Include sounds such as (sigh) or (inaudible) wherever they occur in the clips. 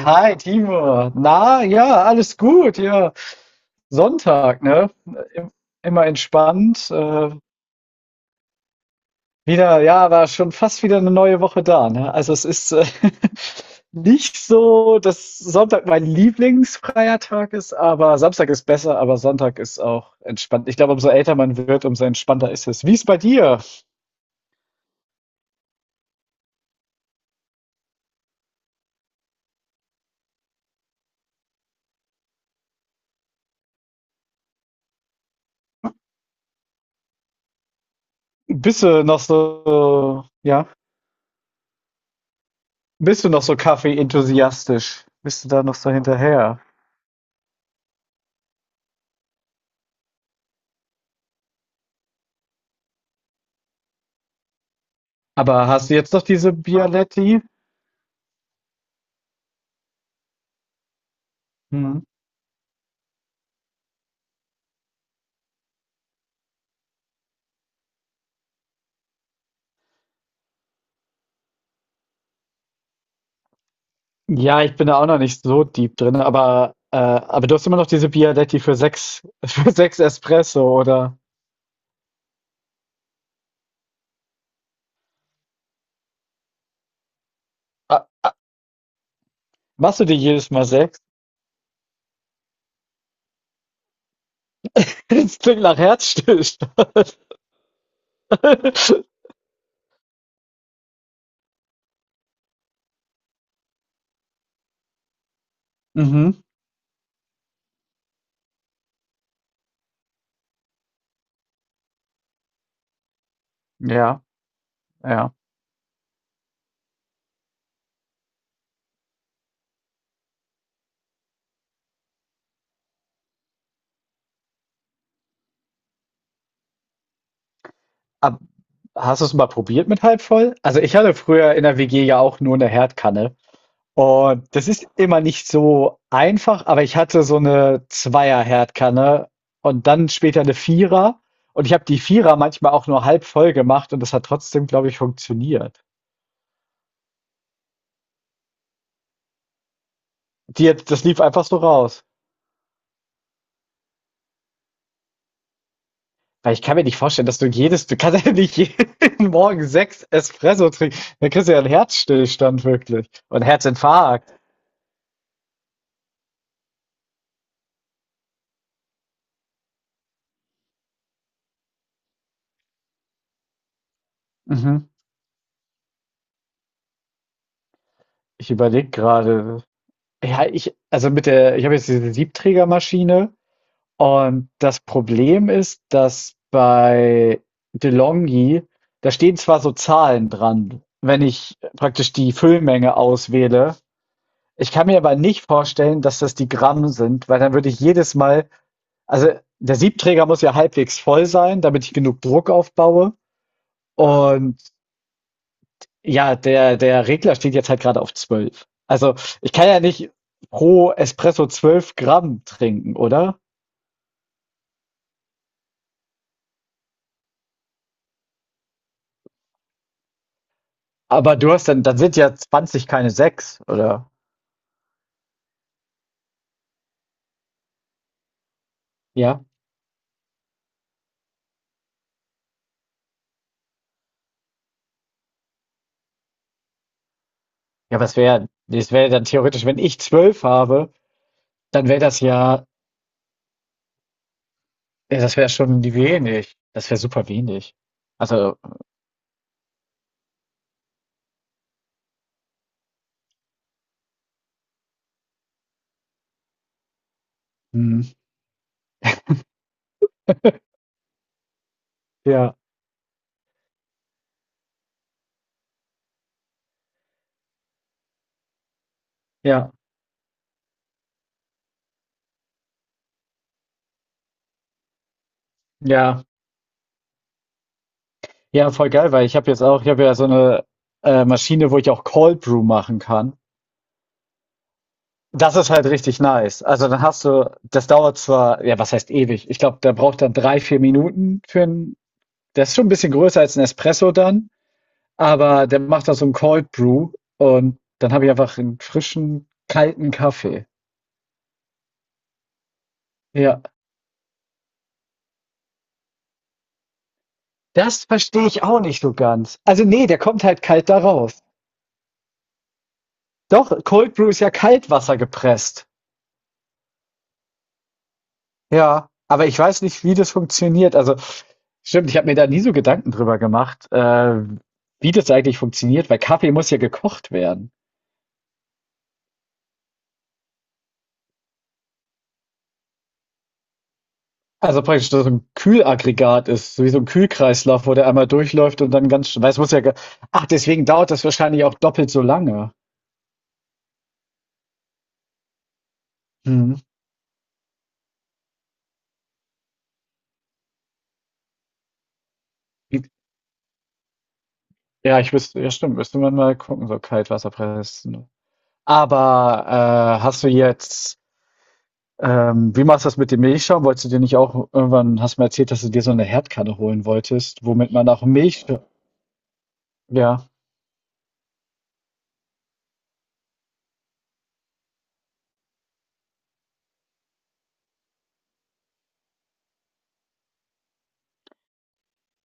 Hi, Timo. Na, ja, alles gut. Ja, Sonntag, ne? Im- Immer entspannt. Wieder, ja, war schon fast wieder eine neue Woche da, ne? Also es ist (laughs) nicht so, dass Sonntag mein lieblingsfreier Tag ist, aber Samstag ist besser, aber Sonntag ist auch entspannt. Ich glaube, umso älter man wird, umso entspannter ist es. Wie ist bei dir? Bist du noch so, ja, bist du noch so Kaffee-enthusiastisch? Bist du da noch so hinterher? Aber hast du jetzt noch diese Bialetti? Mhm. Ja, ich bin da auch noch nicht so deep drin, aber du hast immer noch diese Bialetti für sechs, (laughs) für sechs Espresso, oder? Ah, machst du dir jedes Mal sechs? (laughs) Das klingt nach Herzstillstand. (laughs) Mhm. Ja, ja. Ab- Hast du es mal probiert mit halb voll? Also ich hatte früher in der WG ja auch nur eine Herdkanne. Und das ist immer nicht so einfach, aber ich hatte so eine Zweier-Herdkanne und dann später eine Vierer. Und ich habe die Vierer manchmal auch nur halb voll gemacht und das hat trotzdem, glaube ich, funktioniert. Das lief einfach so raus. Weil ich kann mir nicht vorstellen, dass du kannst (laughs) ja nicht jeden (laughs) Morgen sechs Espresso trinken. Dann kriegst du ja einen Herzstillstand wirklich. Und Herzinfarkt. Mhm. Ich überlege gerade. Ja, ich, also mit der, ich habe jetzt diese Siebträgermaschine. Und das Problem ist, dass bei DeLonghi da stehen zwar so Zahlen dran, wenn ich praktisch die Füllmenge auswähle. Ich kann mir aber nicht vorstellen, dass das die Gramm sind, weil dann würde ich jedes Mal, also der Siebträger muss ja halbwegs voll sein, damit ich genug Druck aufbaue. Und ja, der Regler steht jetzt halt gerade auf 12. Also ich kann ja nicht pro Espresso 12 Gramm trinken, oder? Aber du hast dann sind ja 20 keine 6, oder? Ja? Ja, was wäre das wäre dann theoretisch, wenn ich 12 habe, dann wäre das ja ja, das wäre schon die wenig. Das wäre super wenig. Also, mhm. Ja, ja, ja. Ja, voll geil, weil ich habe ja so eine Maschine, wo ich auch Cold Brew machen kann. Das ist halt richtig nice. Also, dann hast du das dauert zwar ja, was heißt ewig? Ich glaube, da braucht dann 3, 4 Minuten. Für 'n der ist schon ein bisschen größer als ein Espresso dann. Aber der macht da so ein Cold Brew und dann habe ich einfach einen frischen, kalten Kaffee. Ja, das verstehe ich auch nicht so ganz. Also, nee, der kommt halt kalt da raus. Doch, Cold Brew ist ja Kaltwasser gepresst. Ja, aber ich weiß nicht, wie das funktioniert. Also, stimmt, ich habe mir da nie so Gedanken drüber gemacht, wie das eigentlich funktioniert, weil Kaffee muss ja gekocht werden. Also praktisch so ein Kühlaggregat ist, so wie so ein Kühlkreislauf, wo der einmal durchläuft und dann ganz weil es muss ja ge ach, deswegen dauert das wahrscheinlich auch doppelt so lange. Mhm. Ja, ich wüsste ja stimmt, müsste man mal gucken, so Kaltwasserpressen. Aber, hast du jetzt wie machst du das mit dem Milchschaum? Wolltest du dir nicht auch irgendwann hast du mir erzählt, dass du dir so eine Herdkanne holen wolltest, womit man auch Milch. Ja.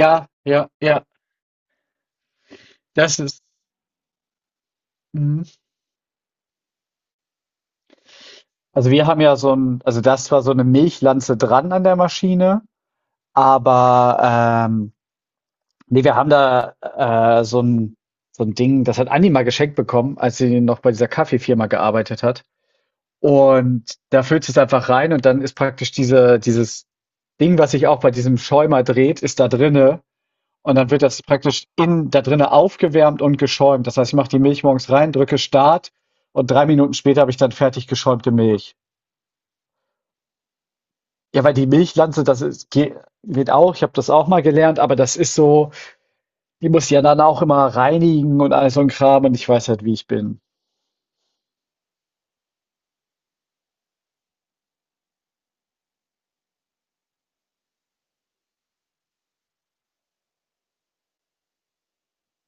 Ja, ja, ja, das ist mhm. Also, wir haben ja so ein, also, das war so eine Milchlanze dran an der Maschine. Aber nee, wir haben da so ein Ding, das hat Andi mal geschenkt bekommen, als sie noch bei dieser Kaffeefirma gearbeitet hat. Und da füllst du es einfach rein und dann ist praktisch dieses Ding, was sich auch bei diesem Schäumer dreht, ist da drinne. Und dann wird das praktisch da drinne aufgewärmt und geschäumt. Das heißt, ich mache die Milch morgens rein, drücke Start und 3 Minuten später habe ich dann fertig geschäumte Milch. Ja, weil die Milchlanze, geht auch, ich habe das auch mal gelernt, aber das ist so. Die muss ich ja dann auch immer reinigen und all so ein Kram und ich weiß halt, wie ich bin.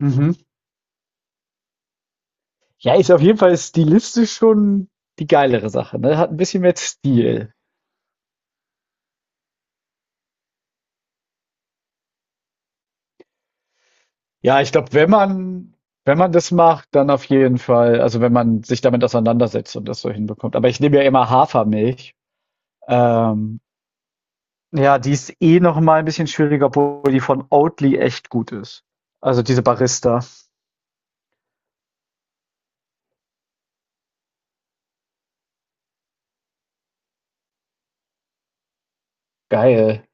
Mhm. Ja, ist auf jeden Fall stilistisch schon die geilere Sache, ne? Hat ein bisschen mehr Stil. Ja, ich glaube, wenn man das macht, dann auf jeden Fall also, wenn man sich damit auseinandersetzt und das so hinbekommt. Aber ich nehme ja immer Hafermilch. Ähm, ja, die ist eh noch mal ein bisschen schwieriger, obwohl die von Oatly echt gut ist. Also, diese Barista. Geil.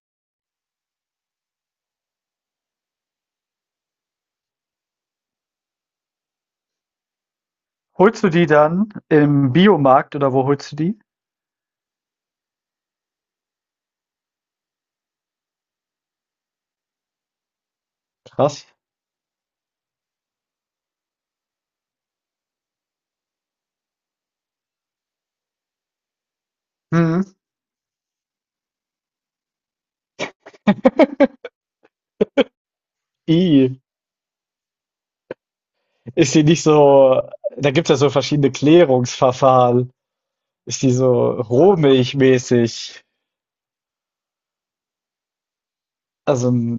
Holst du die dann im Biomarkt oder wo holst du die? Krass. Mhm. I, ist die nicht so, da gibt es ja so verschiedene Klärungsverfahren. Ist die so rohmilchmäßig? Also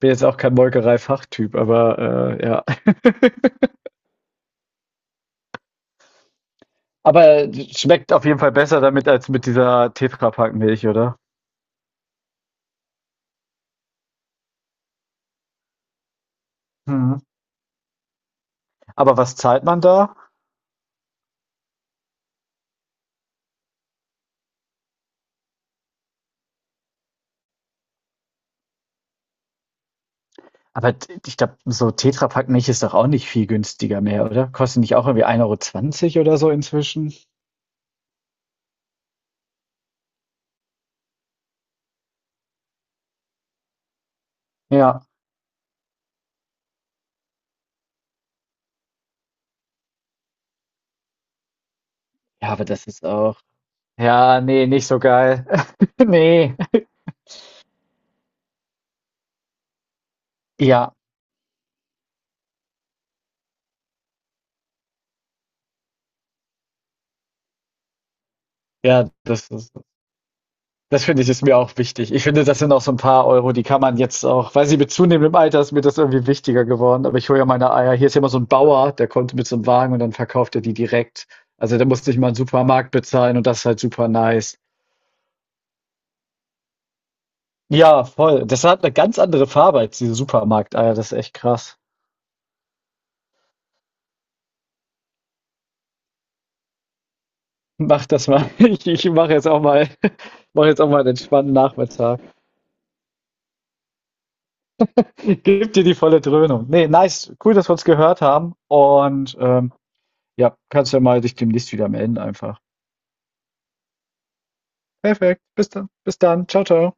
bin jetzt auch kein Molkerei-Fachtyp, aber ja. (laughs) Aber schmeckt auf jeden Fall besser damit als mit dieser Tetra Pak Milch, oder? Mhm. Aber was zahlt man da? Aber ich glaube, so Tetra Pak Milch ist doch auch nicht viel günstiger mehr, oder? Kostet nicht auch irgendwie 1,20 € oder so inzwischen? Ja. Ja, aber das ist auch. Ja, nee, nicht so geil. (laughs) Ne. Ja, ja, das finde ich, ist mir auch wichtig. Ich finde, das sind auch so ein paar Euro, die kann man jetzt auch weiß nicht, mit zunehmendem Alter ist mir das irgendwie wichtiger geworden, aber ich hole ja meine Eier hier ist ja immer so ein Bauer, der kommt mit so einem Wagen und dann verkauft er die direkt. Also, da musst ich nicht mal in Supermarkt bezahlen und das ist halt super nice. Ja, voll. Das hat eine ganz andere Farbe als diese Eier, das ist echt krass. Mach das mal. (laughs) Ich mache jetzt auch mal (laughs) mache jetzt auch mal einen entspannten Nachmittag. (laughs) Gib dir die volle Dröhnung. Nee, nice. Cool, dass wir uns gehört haben. Und ja, kannst ja mal dich demnächst wieder melden einfach. Perfekt. Bis dann. Bis dann. Ciao, ciao.